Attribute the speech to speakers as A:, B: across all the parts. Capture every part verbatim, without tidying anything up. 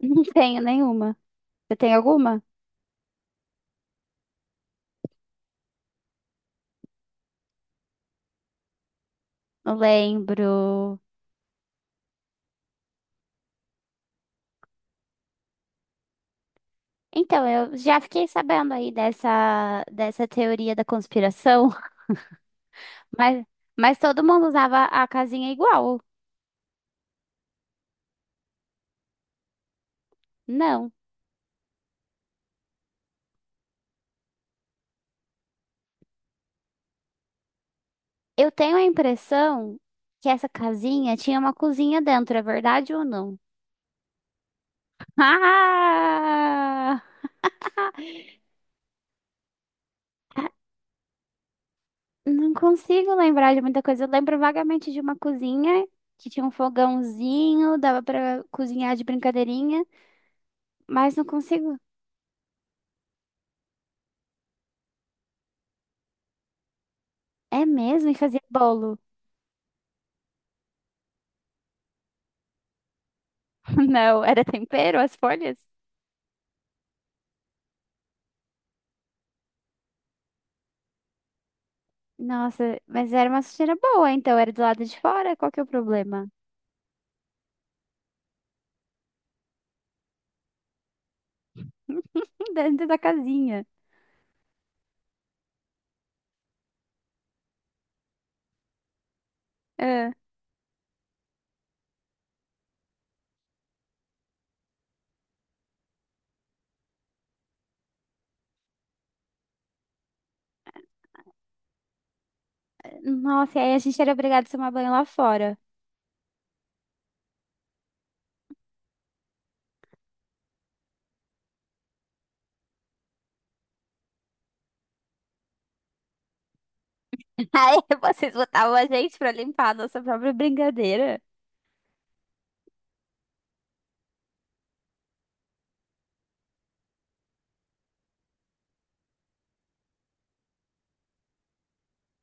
A: Não tenho nenhuma. Você tem alguma? Não lembro. Então, eu já fiquei sabendo aí dessa, dessa teoria da conspiração, mas, mas todo mundo usava a casinha igual. Não. Eu tenho a impressão que essa casinha tinha uma cozinha dentro, é verdade ou não? Ah! Não consigo lembrar de muita coisa. Eu lembro vagamente de uma cozinha que tinha um fogãozinho, dava pra cozinhar de brincadeirinha. Mas não consigo. É mesmo? E fazia bolo? Não, era tempero, as folhas? Nossa, mas era uma sujeira boa, então era do lado de fora? Qual que é o problema? Dentro da casinha. Ah, nossa, e aí a gente era obrigado a tomar banho lá fora. Aí vocês botavam a gente pra limpar a nossa própria brincadeira?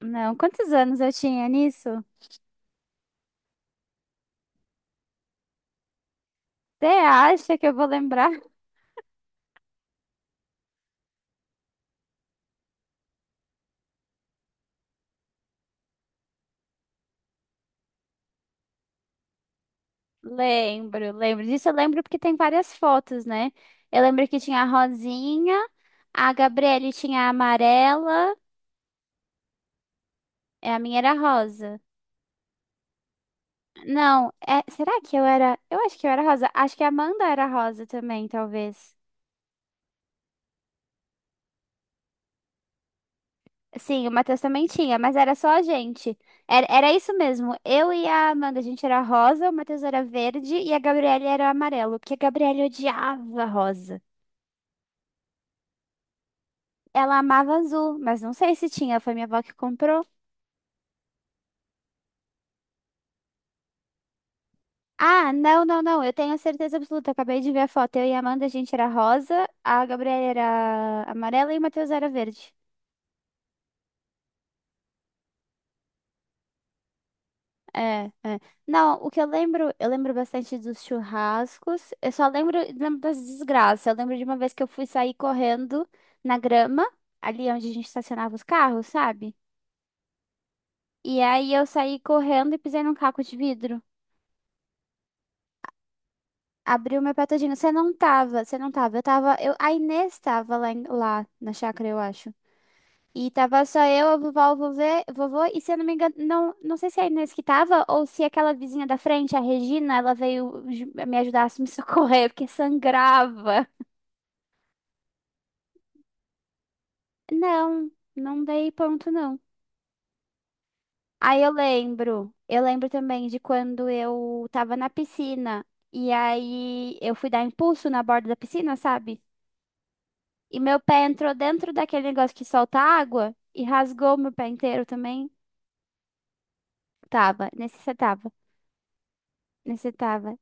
A: Não, quantos anos eu tinha nisso? Você acha que eu vou lembrar? Lembro, lembro disso. Eu lembro porque tem várias fotos, né? Eu lembro que tinha a Rosinha, a Gabriele tinha a amarela. É, a minha era rosa. Não, é, será que eu era? Eu acho que eu era rosa. Acho que a Amanda era rosa também, talvez. Sim, o Matheus também tinha, mas era só a gente. Era, era isso mesmo. Eu e a Amanda, a gente era rosa, o Matheus era verde e a Gabriela era amarelo, porque a Gabriela odiava rosa. Ela amava azul, mas não sei se tinha, foi minha avó que comprou. Ah, não, não, não, eu tenho certeza absoluta, acabei de ver a foto. Eu e a Amanda, a gente era rosa, a Gabriela era amarela e o Matheus era verde. É, é. Não, o que eu lembro, eu lembro bastante dos churrascos. Eu só lembro, lembro das desgraças. Eu lembro de uma vez que eu fui sair correndo na grama, ali onde a gente estacionava os carros, sabe? E aí eu saí correndo e pisei num caco de vidro. Abriu meu pé todinho. Você não tava, você não tava. Eu tava, eu, a Inês tava lá, em- lá na chácara, eu acho. E tava só eu, a vovó, o vovê, vovô, e se eu não me engano, não, não sei se é a Inês que tava, ou se aquela vizinha da frente, a Regina, ela veio ju- me ajudar a me socorrer, porque sangrava. Não, não dei ponto, não. Aí eu lembro, eu lembro também de quando eu tava na piscina, e aí eu fui dar impulso na borda da piscina, sabe? E meu pé entrou dentro daquele negócio que solta água, e rasgou meu pé inteiro também. Tava, nesse você tava. Nesse você tava.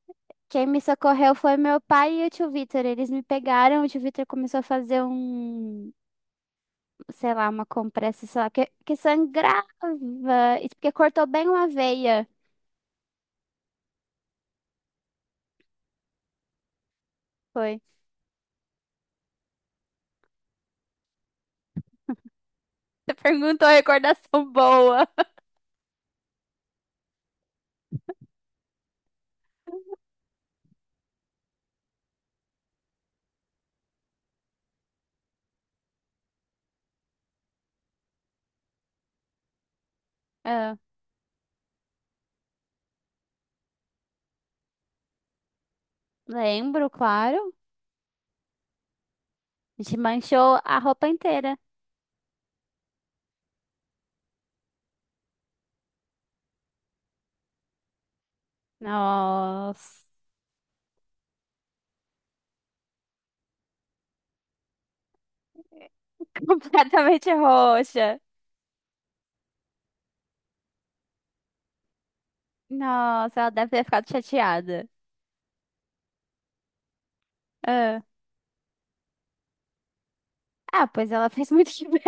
A: Quem me socorreu foi meu pai e o tio Vitor. Eles me pegaram, o tio Vitor começou a fazer um, sei lá, uma compressa, sei lá, que, que sangrava, e porque cortou bem uma veia. Foi. Você perguntou recordação boa. Ah, lembro, claro. A gente manchou a roupa inteira. Nossa, completamente roxa. Nossa, ela deve ter ficado chateada. Ah, ah, pois ela fez muito que bem.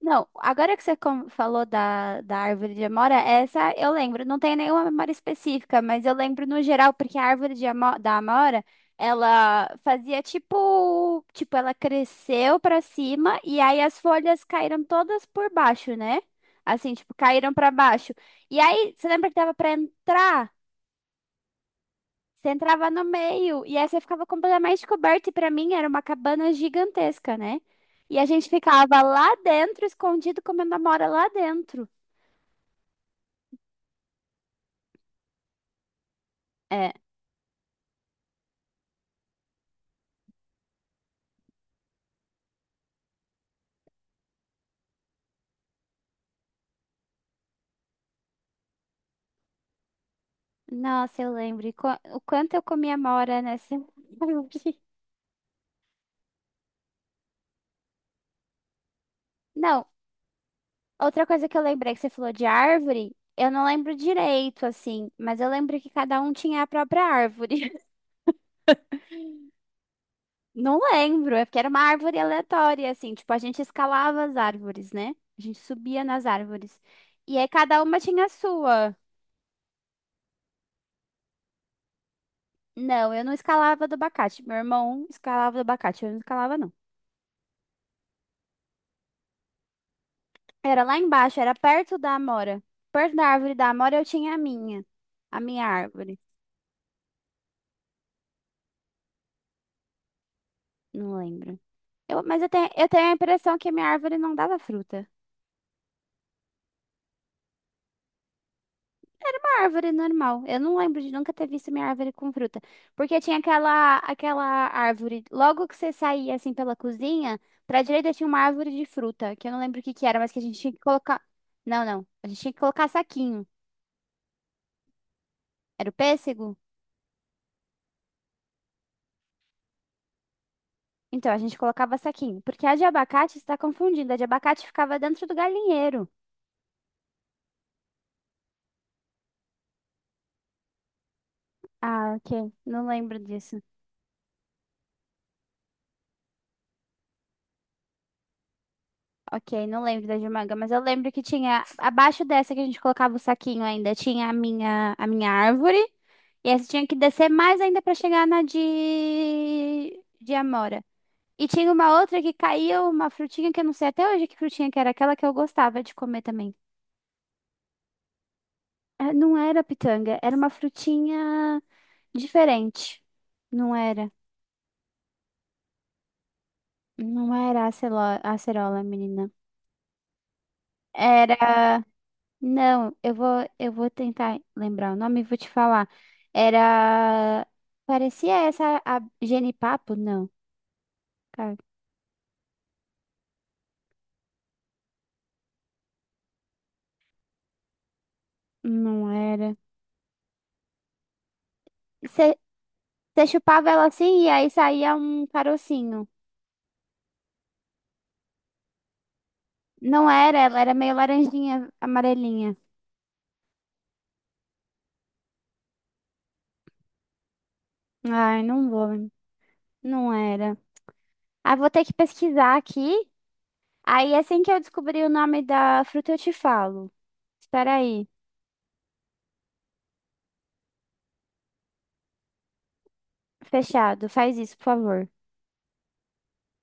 A: Não, agora que você com- falou da, da árvore de amora, essa eu lembro. Não tem nenhuma memória específica, mas eu lembro no geral, porque a árvore de amo- da amora, ela fazia tipo, tipo, ela cresceu pra cima e aí as folhas caíram todas por baixo, né? Assim, tipo, caíram pra baixo. E aí, você lembra que dava pra entrar? Você entrava no meio e aí você ficava completamente coberto. E pra mim era uma cabana gigantesca, né? E a gente ficava lá dentro, escondido, comendo amora lá dentro. É. Nossa, eu lembro. E qua- o quanto eu comia amora nessa árvore. Não, outra coisa que eu lembrei que você falou de árvore, eu não lembro direito, assim, mas eu lembro que cada um tinha a própria árvore. Não lembro, é porque era uma árvore aleatória, assim, tipo, a gente escalava as árvores, né? A gente subia nas árvores. E aí cada uma tinha a sua. Não, eu não escalava do abacate. Meu irmão escalava do abacate, eu não escalava, não. Era lá embaixo, era perto da amora. Perto da árvore da amora eu tinha a minha. A minha árvore. Não lembro. Eu, mas eu tenho, eu tenho a impressão que a minha árvore não dava fruta. Árvore normal. Eu não lembro de nunca ter visto minha árvore com fruta. Porque tinha aquela, aquela árvore. Logo que você saía assim pela cozinha, pra direita tinha uma árvore de fruta, que eu não lembro o que que era, mas que a gente tinha que colocar. Não, não. A gente tinha que colocar saquinho. Era o pêssego? Então, a gente colocava saquinho. Porque a de abacate está confundindo. A de abacate ficava dentro do galinheiro. Ah, ok. Não lembro disso. Ok, não lembro da de manga, mas eu lembro que tinha, abaixo dessa que a gente colocava o saquinho ainda, tinha a minha, a minha árvore. E essa tinha que descer mais ainda pra chegar na de, de amora. E tinha uma outra que caía uma frutinha que eu não sei até hoje que frutinha que era aquela que eu gostava de comer também. É, não era pitanga, era uma frutinha diferente. Não era. Não era acelo- acerola, menina. Era. Não, eu vou, eu vou tentar lembrar o nome e vou te falar. Era. Parecia essa a genipapo? Não, cara, não era. Você chupava ela assim e aí saía um carocinho. Não era, ela era meio laranjinha, amarelinha. Ai, não vou. Não era. Ah, vou ter que pesquisar aqui. Aí assim que eu descobrir o nome da fruta, eu te falo. Espera aí. Fechado. Faz isso, por favor.